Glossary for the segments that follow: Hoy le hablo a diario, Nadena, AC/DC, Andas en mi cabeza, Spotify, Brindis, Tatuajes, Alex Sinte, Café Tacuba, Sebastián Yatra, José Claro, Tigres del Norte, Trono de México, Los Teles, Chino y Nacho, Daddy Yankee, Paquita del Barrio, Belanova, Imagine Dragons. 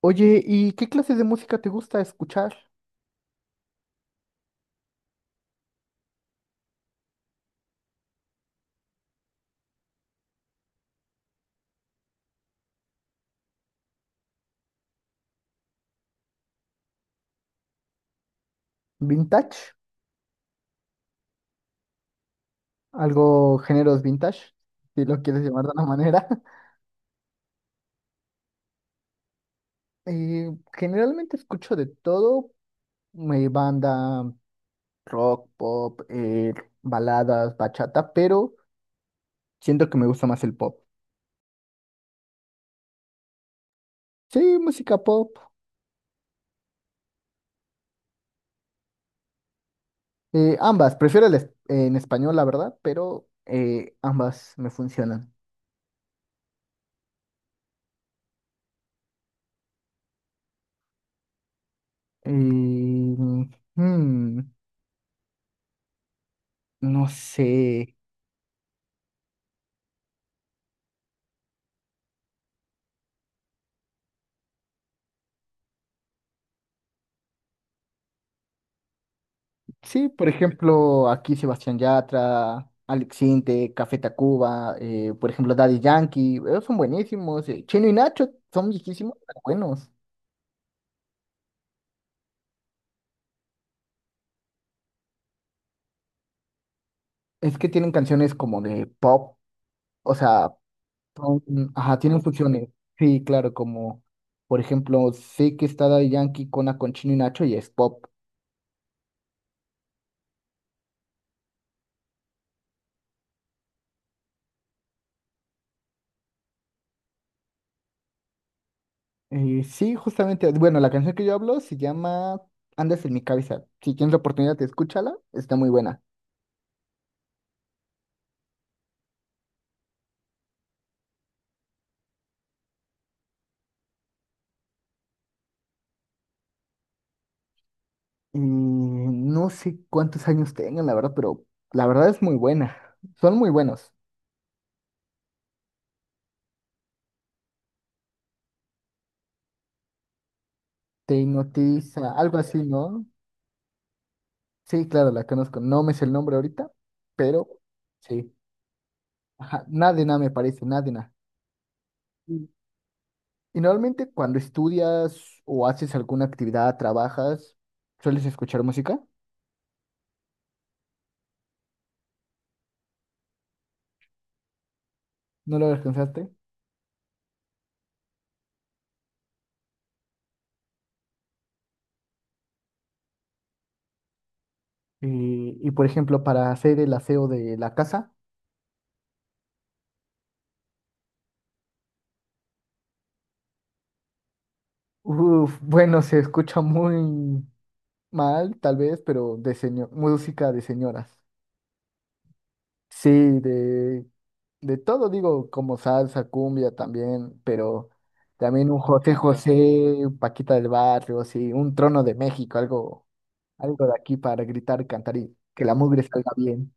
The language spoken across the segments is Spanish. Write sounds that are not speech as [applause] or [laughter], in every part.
Oye, ¿y qué clase de música te gusta escuchar? ¿Vintage? ¿Algo géneros vintage? Si lo quieres llamar de una manera. [laughs] Generalmente escucho de todo, mi banda, rock, pop, baladas, bachata, pero siento que me gusta más el pop. Sí, música pop. Ambas, prefiero el en español, la verdad, pero ambas me funcionan. Eh, mm, no sé. Sí, por ejemplo, aquí Sebastián Yatra, Alex Sinte, Café Tacuba, por ejemplo, Daddy Yankee, ellos son buenísimos. Chino y Nacho son viejísimos, pero buenos. Es que tienen canciones como de pop, o sea, pop, mm, ajá, tienen fusiones. Sí, claro, como, por ejemplo, sé que está Daddy Yankee con, con Chino y Nacho y es pop. Sí, justamente, bueno, la canción que yo hablo se llama Andas en mi cabeza. Si tienes la oportunidad, escúchala, está muy buena. Y no sé cuántos años tengan, la verdad, pero la verdad es muy buena. Son muy buenos. Te hipnotiza, algo así, ¿no? Sí, claro, la conozco. No me sé el nombre ahorita, pero sí. Ajá, Nadena me parece, Nadena. Y y normalmente cuando estudias o haces alguna actividad, trabajas, ¿sueles escuchar música? ¿No lo alcanzaste? Y por ejemplo, para hacer el aseo de la casa, uf, bueno, se escucha muy mal, tal vez, pero de señor, música de señoras. Sí, de, de todo, digo, como salsa, cumbia también, pero también un José Claro. José, un Paquita del Barrio, sí, un Trono de México, algo, algo de aquí para gritar, cantar y que la mugre salga bien.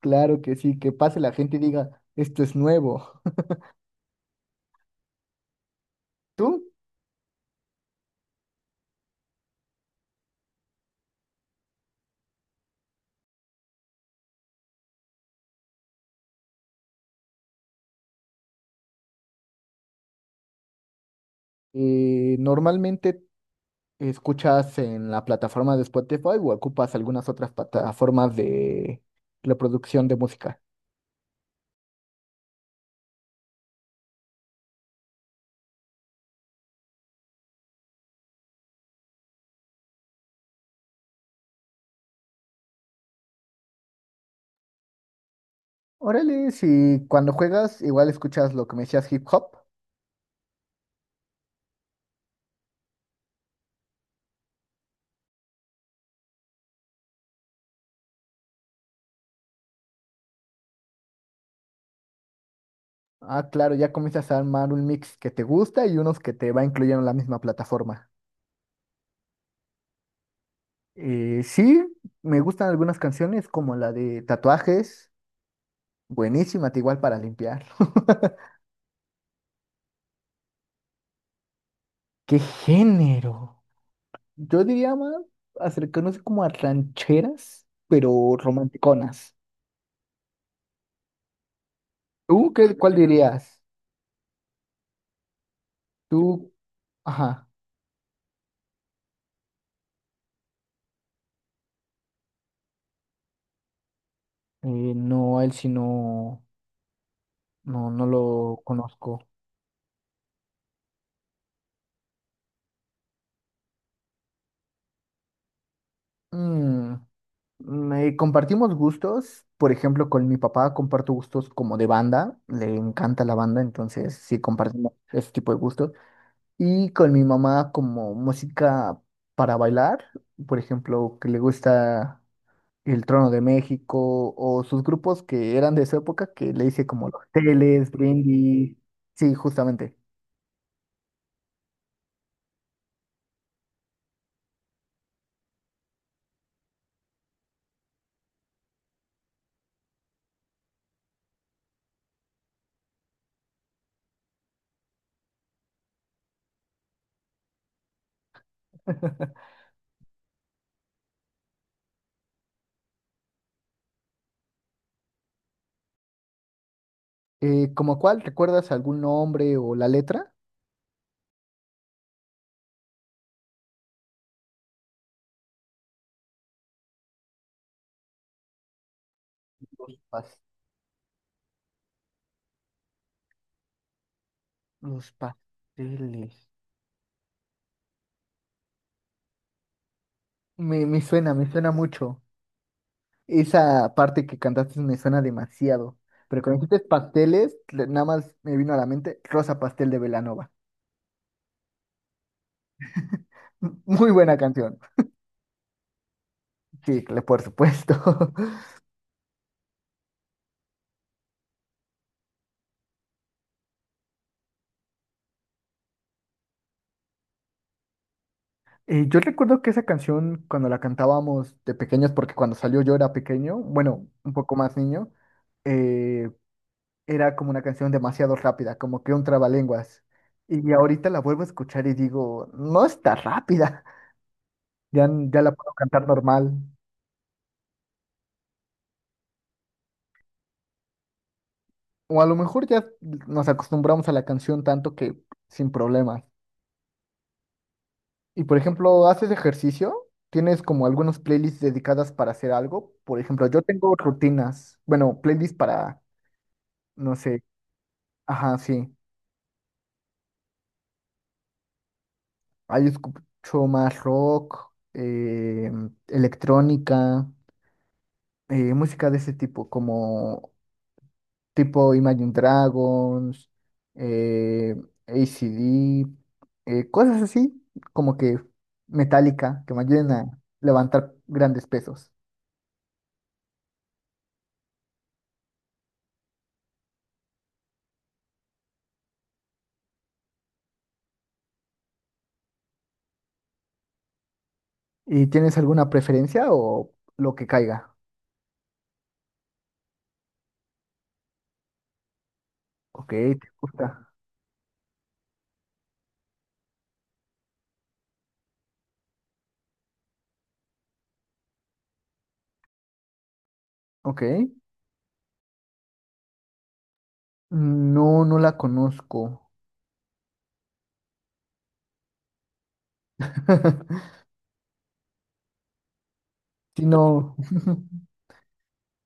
Claro que sí, que pase la gente y diga, esto es nuevo. ¿Tú normalmente escuchas en la plataforma de Spotify o ocupas algunas otras plataformas de reproducción de música? Órale, si cuando juegas igual escuchas lo que me decías hip hop. Ah, claro, ya comienzas a armar un mix que te gusta y unos que te va incluyendo en la misma plataforma. Sí, me gustan algunas canciones como la de Tatuajes, buenísima, te igual para limpiar. [laughs] ¿Qué género? Yo diría más acercarnos como a rancheras, pero romanticonas. ¿Tú qué, cuál dirías? Tú, ajá, no, a él sí no, no, no lo conozco. Mm, compartimos gustos, por ejemplo, con mi papá comparto gustos como de banda, le encanta la banda, entonces sí compartimos ese tipo de gustos. Y con mi mamá como música para bailar, por ejemplo, que le gusta El Trono de México o sus grupos que eran de su época, que le hice como Los Teles, Brindis, sí, justamente. [laughs] ¿Como cuál? ¿Recuerdas algún nombre o la letra? Los pas- los pasteles. Me suena, me suena mucho. Esa parte que cantaste me suena demasiado. Pero cuando dijiste pasteles, nada más me vino a la mente Rosa Pastel de Belanova. [laughs] Muy buena canción. Sí, por supuesto. [laughs] Yo recuerdo que esa canción, cuando la cantábamos de pequeños, porque cuando salió yo era pequeño, bueno, un poco más niño, eh, era como una canción demasiado rápida, como que un trabalenguas. Y ahorita la vuelvo a escuchar y digo, no está rápida. [laughs] Ya la puedo cantar normal. O a lo mejor ya nos acostumbramos a la canción tanto que sin problemas. Y por ejemplo, ¿haces ejercicio? ¿Tienes como algunos playlists dedicadas para hacer algo? Por ejemplo, yo tengo rutinas, bueno, playlists para, no sé, ajá, sí. Ahí escucho más rock, electrónica, música de ese tipo, como tipo Imagine Dragons, eh, AC/DC, cosas así, como que metálica, que me ayuden a levantar grandes pesos. ¿Y tienes alguna preferencia o lo que caiga? Ok, te gusta. Ok. No, no la conozco. [laughs] Si no, [laughs]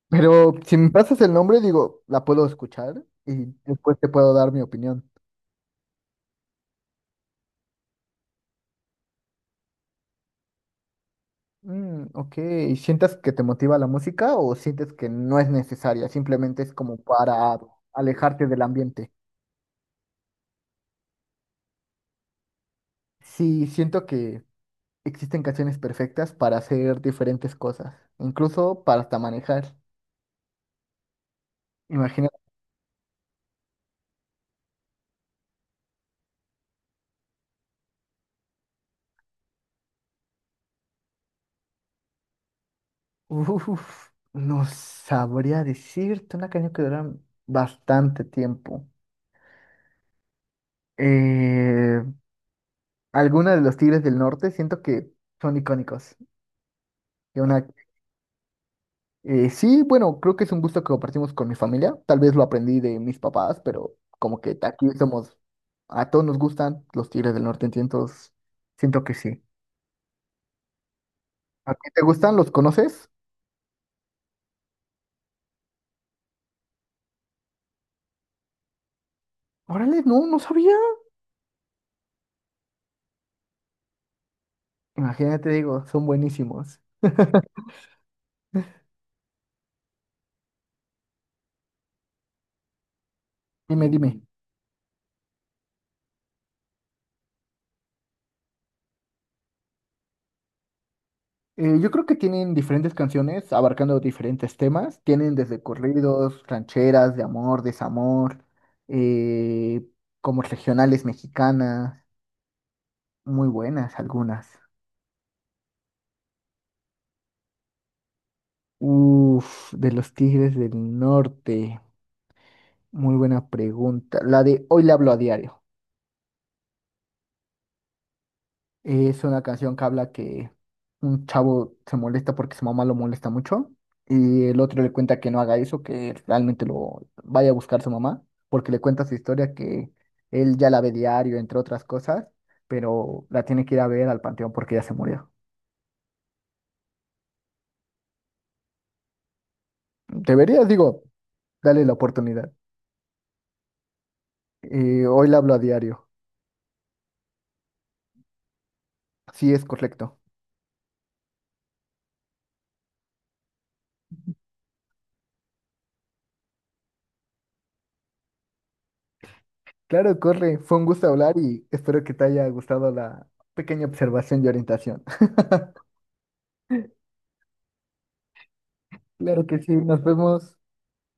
pero si me pasas el nombre, digo, la puedo escuchar y después te puedo dar mi opinión. Mm, ok, ¿sientes que te motiva la música o sientes que no es necesaria? Simplemente es como para alejarte del ambiente. Sí, siento que existen canciones perfectas para hacer diferentes cosas, incluso para hasta manejar. Imagina, uf, no sabría decirte una canción que dura bastante tiempo. Eh, Alguna de los Tigres del Norte siento que son icónicos. Y una sí, bueno, creo que es un gusto que compartimos con mi familia. Tal vez lo aprendí de mis papás, pero como que aquí somos, a todos nos gustan los Tigres del Norte, entonces siento que sí. ¿A ti te gustan? ¿Los conoces? Órale, no, no sabía. Imagínate, digo, son buenísimos. [laughs] Dime, dime. Yo creo que tienen diferentes canciones abarcando diferentes temas. Tienen desde corridos, rancheras, de amor, desamor, eh, como regionales mexicanas, muy buenas algunas. Uf, de los Tigres del Norte. Muy buena pregunta. La de Hoy le hablo a diario. Es una canción que habla que un chavo se molesta porque su mamá lo molesta mucho y el otro le cuenta que no haga eso, que realmente lo vaya a buscar su mamá, porque le cuenta su historia que él ya la ve diario, entre otras cosas, pero la tiene que ir a ver al panteón porque ya se murió. Deberías, digo, dale la oportunidad. Hoy le hablo a diario. Sí, es correcto. Claro, corre. Fue un gusto hablar y espero que te haya gustado la pequeña observación y orientación. [laughs] Claro que sí, nos vemos.